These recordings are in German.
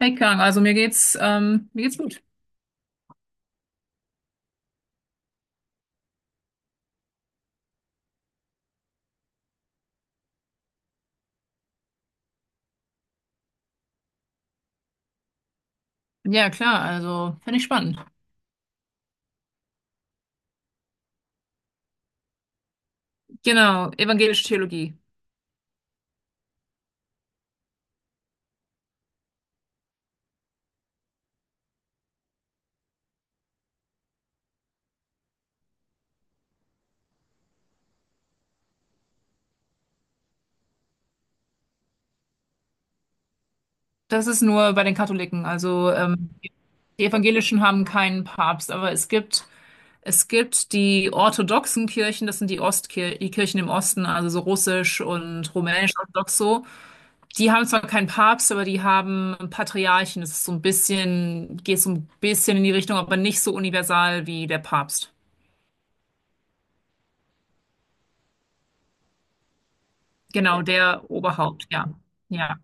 Hey Kang, also mir geht's gut. Ja, klar, also finde ich spannend. Genau, evangelische Theologie. Das ist nur bei den Katholiken. Die Evangelischen haben keinen Papst, aber es gibt die orthodoxen Kirchen, das sind die Ostkir die Kirchen im Osten, also so russisch und rumänisch-orthodox so. Die haben zwar keinen Papst, aber die haben Patriarchen. Das ist so ein bisschen, geht so ein bisschen in die Richtung, aber nicht so universal wie der Papst. Genau, der Oberhaupt, ja. Ja.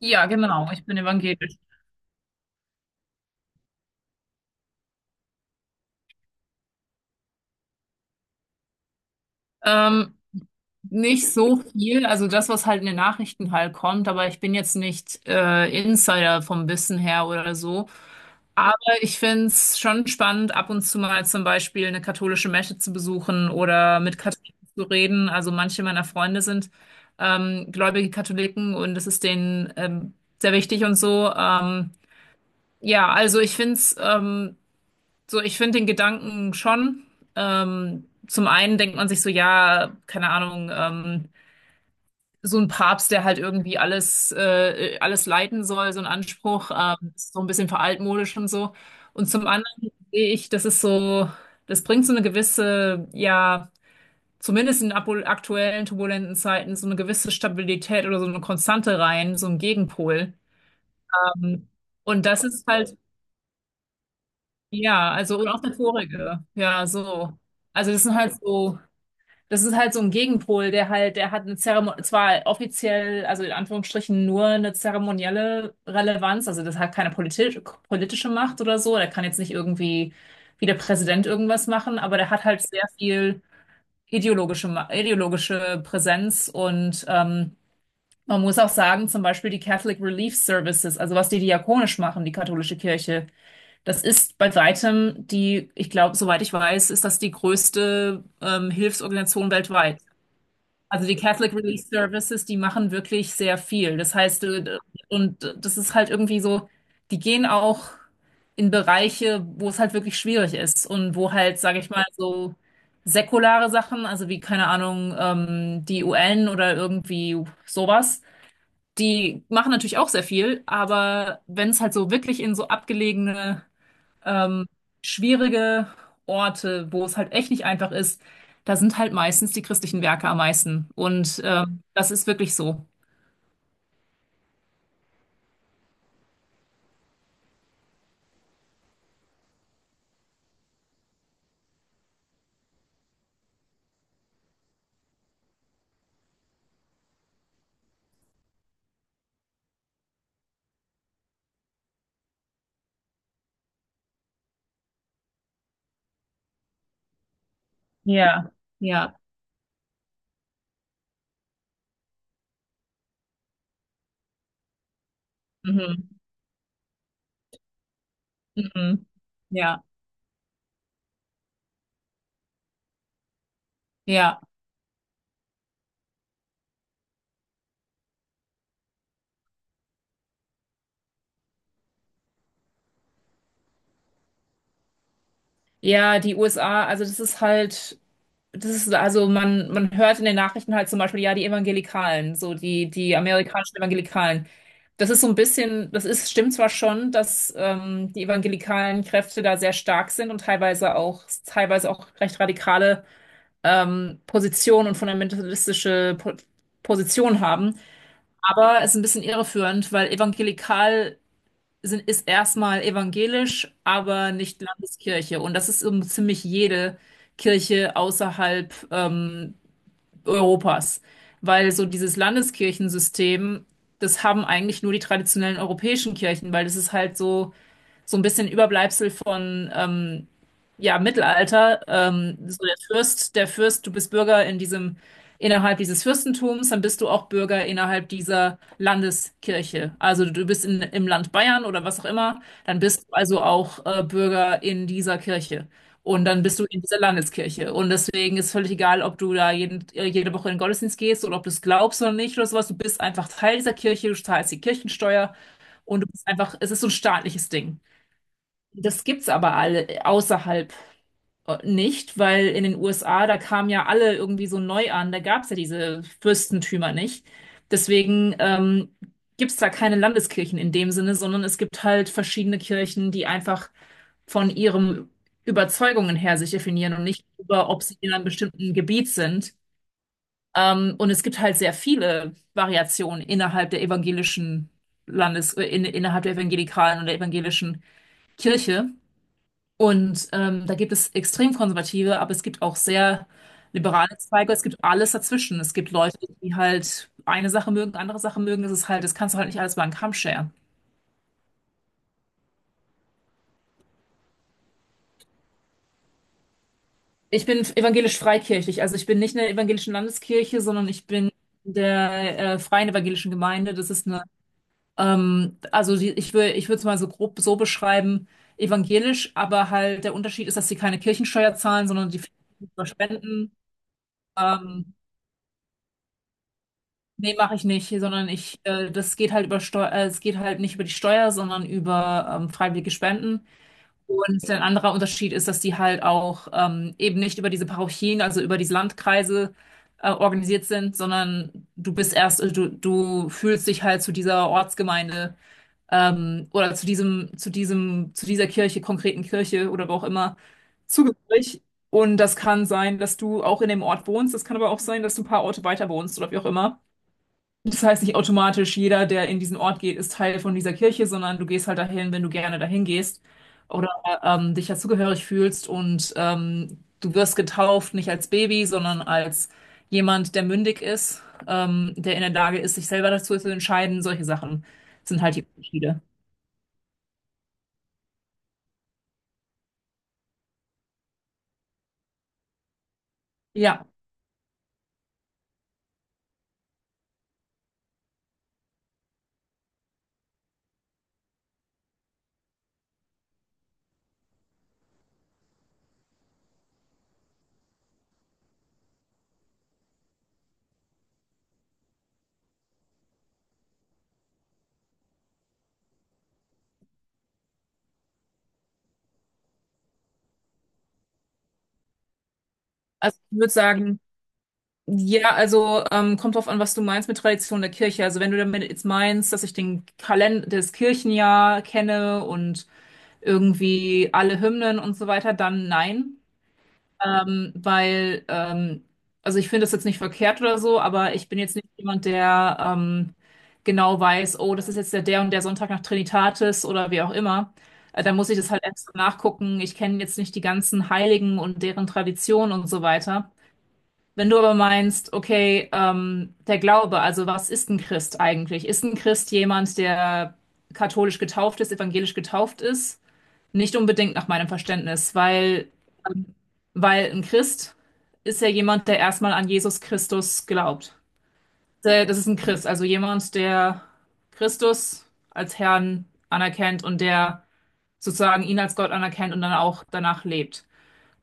Ja, genau. Ich bin evangelisch. Ähm, Nicht so viel, also das, was halt in den Nachrichten halt kommt, aber ich bin jetzt nicht Insider vom Wissen her oder so. Aber ich find's schon spannend, ab und zu mal zum Beispiel eine katholische Messe zu besuchen oder mit Katholiken zu reden. Also manche meiner Freunde sind gläubige Katholiken und es ist denen, sehr wichtig und so. Ja, also ich find's, ich finde den Gedanken schon. Zum einen denkt man sich so, ja, keine Ahnung, so ein Papst, der halt irgendwie alles leiten soll, so ein Anspruch, ist so ein bisschen veraltmodisch und so. Und zum anderen sehe ich, das ist so, das bringt so eine gewisse, ja, zumindest in aktuellen turbulenten Zeiten, so eine gewisse Stabilität oder so eine Konstante rein, so ein Gegenpol. Ähm, und das ist halt, ja, also und auch der vorige, ja, so. Also das sind halt so Das ist halt so ein Gegenpol, der halt, der hat eine Zeremonie, zwar offiziell, also in Anführungsstrichen nur eine zeremonielle Relevanz, also das hat keine politische Macht oder so, der kann jetzt nicht irgendwie wie der Präsident irgendwas machen, aber der hat halt sehr viel ideologische, ideologische Präsenz und man muss auch sagen, zum Beispiel die Catholic Relief Services, also was die diakonisch machen, die katholische Kirche, das ist bei weitem die, ich glaube, soweit ich weiß, ist das die größte Hilfsorganisation weltweit. Also die Catholic Relief Services, die machen wirklich sehr viel. Und das ist halt irgendwie so, die gehen auch in Bereiche, wo es halt wirklich schwierig ist und wo halt, sage ich mal, so säkulare Sachen, also wie, keine Ahnung, die UN oder irgendwie sowas, die machen natürlich auch sehr viel, aber wenn es halt so wirklich in so abgelegene, ähm, schwierige Orte, wo es halt echt nicht einfach ist, da sind halt meistens die christlichen Werke am meisten. Und das ist wirklich so. Ja. Ja. Mhm. Mhm. Ja. Ja. Ja, die USA, also das ist, also man hört in den Nachrichten halt zum Beispiel, ja, die Evangelikalen, so die amerikanischen Evangelikalen. Das ist so ein bisschen, das ist, stimmt zwar schon, dass die evangelikalen Kräfte da sehr stark sind und teilweise auch recht radikale Position und fundamentalistische po Position haben. Aber es ist ein bisschen irreführend, weil evangelikal ist erstmal evangelisch, aber nicht Landeskirche. Und das ist um ziemlich jede Kirche außerhalb, Europas. Weil so dieses Landeskirchensystem, das haben eigentlich nur die traditionellen europäischen Kirchen, weil das ist halt so so ein bisschen Überbleibsel von, ja, Mittelalter. So der Fürst, du bist Bürger in diesem, innerhalb dieses Fürstentums, dann bist du auch Bürger innerhalb dieser Landeskirche. Also du bist im Land Bayern oder was auch immer, dann bist du also auch Bürger in dieser Kirche. Und dann bist du in dieser Landeskirche. Und deswegen ist völlig egal, ob du da jede Woche in den Gottesdienst gehst oder ob du es glaubst oder nicht oder sowas. Du bist einfach Teil dieser Kirche, du zahlst die Kirchensteuer und du bist einfach, es ist so ein staatliches Ding. Das gibt's aber alle außerhalb nicht, weil in den USA, da kamen ja alle irgendwie so neu an, da gab's ja diese Fürstentümer nicht. Deswegen gibt's da keine Landeskirchen in dem Sinne, sondern es gibt halt verschiedene Kirchen, die einfach von ihren Überzeugungen her sich definieren und nicht über, ob sie in einem bestimmten Gebiet sind. Und es gibt halt sehr viele Variationen innerhalb der innerhalb der evangelikalen oder evangelischen Kirche. Und da gibt es extrem konservative, aber es gibt auch sehr liberale Zweige. Es gibt alles dazwischen. Es gibt Leute, die halt eine Sache mögen, andere Sache mögen. Das ist halt, das kannst du halt nicht alles über einen Kamm scheren. Ich bin evangelisch-freikirchlich, also ich bin nicht in der evangelischen Landeskirche, sondern ich bin in der Freien Evangelischen Gemeinde. Das ist eine, ich ich würde es mal so grob so beschreiben, evangelisch, aber halt der Unterschied ist, dass sie keine Kirchensteuer zahlen, sondern die finanzieren über spenden. Ähm, Nee, mache ich nicht, sondern ich, das geht halt über Steuer, es geht halt nicht über die Steuer, sondern über, freiwillige Spenden. Und ein anderer Unterschied ist, dass die halt auch, eben nicht über diese Parochien, also über diese Landkreise organisiert sind, sondern du bist du fühlst dich halt zu dieser Ortsgemeinde, oder zu diesem, zu diesem, zu dieser Kirche, konkreten Kirche oder wo auch immer zugehörig. Und das kann sein, dass du auch in dem Ort wohnst, das kann aber auch sein, dass du ein paar Orte weiter wohnst oder wie auch immer. Das heißt nicht automatisch, jeder, der in diesen Ort geht, ist Teil von dieser Kirche, sondern du gehst halt dahin, wenn du gerne dahin gehst oder dich dazugehörig fühlst und du wirst getauft, nicht als Baby, sondern als jemand, der mündig ist, der in der Lage ist, sich selber dazu zu entscheiden. Solche Sachen sind halt die Unterschiede. Ja, also ich würde sagen, ja, also kommt drauf an, was du meinst mit Tradition der Kirche. Also wenn du damit jetzt meinst, dass ich den Kalender, das Kirchenjahr kenne und irgendwie alle Hymnen und so weiter, dann nein. Ähm, weil, ähm, also ich finde das jetzt nicht verkehrt oder so, aber ich bin jetzt nicht jemand, der, genau weiß, oh, das ist jetzt der Sonntag nach Trinitatis oder wie auch immer. Da muss ich das halt extra nachgucken. Ich kenne jetzt nicht die ganzen Heiligen und deren Traditionen und so weiter. Wenn du aber meinst, okay, der Glaube, also was ist ein Christ eigentlich? Ist ein Christ jemand, der katholisch getauft ist, evangelisch getauft ist? Nicht unbedingt nach meinem Verständnis, ähm, weil ein Christ ist ja jemand, der erstmal an Jesus Christus glaubt. Das ist ein Christ, also jemand, der Christus als Herrn anerkennt und der sozusagen ihn als Gott anerkennt und dann auch danach lebt.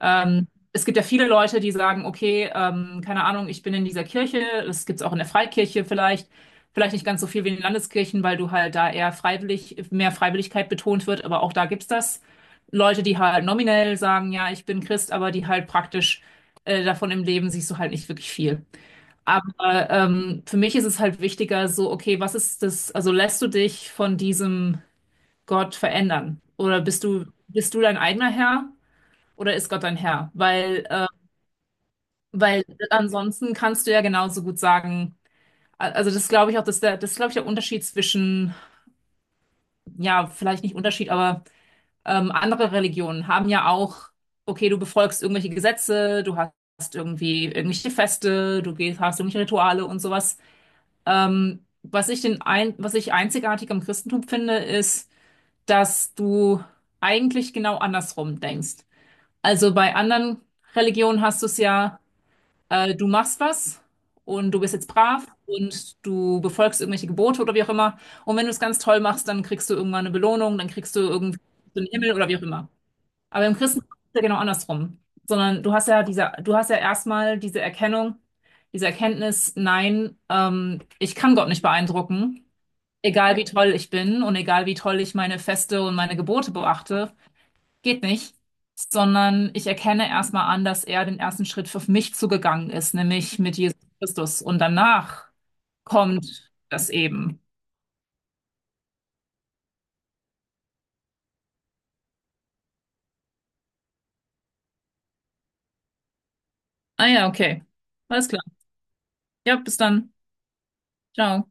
Ähm, Es gibt ja viele Leute, die sagen, okay, keine Ahnung, ich bin in dieser Kirche, das gibt's auch in der Freikirche vielleicht, vielleicht nicht ganz so viel wie in den Landeskirchen, weil du halt da eher freiwillig, mehr Freiwilligkeit betont wird, aber auch da gibt's das. Leute, die halt nominell sagen, ja, ich bin Christ, aber die halt praktisch, davon im Leben siehst du halt nicht wirklich viel. Aber für mich ist es halt wichtiger, so, okay, was ist das, also lässt du dich von diesem Gott verändern? Oder bist du dein eigener Herr? Oder ist Gott dein Herr? Weil ansonsten kannst du ja genauso gut sagen, das glaube ich auch, dass der, das ist, glaube ich, der Unterschied zwischen, ja, vielleicht nicht Unterschied, aber andere Religionen haben ja auch, okay, du befolgst irgendwelche Gesetze, du hast irgendwie irgendwelche Feste, du hast irgendwelche Rituale und sowas. Was ich einzigartig am Christentum finde, ist, dass du eigentlich genau andersrum denkst. Also bei anderen Religionen hast du es ja, du machst was und du bist jetzt brav und du befolgst irgendwelche Gebote oder wie auch immer. Und wenn du es ganz toll machst, dann kriegst du irgendwann eine Belohnung, dann kriegst du irgendwie den Himmel oder wie auch immer. Aber im Christentum ist es ja genau andersrum. Sondern du hast ja diese, du hast ja erstmal diese Erkennung, diese Erkenntnis, nein, ich kann Gott nicht beeindrucken, egal wie toll ich bin und egal wie toll ich meine Feste und meine Gebote beachte, geht nicht, sondern ich erkenne erstmal an, dass er den ersten Schritt für mich zugegangen ist, nämlich mit Jesus Christus. Und danach kommt das eben. Ah ja, okay. Alles klar. Ja, bis dann. Ciao.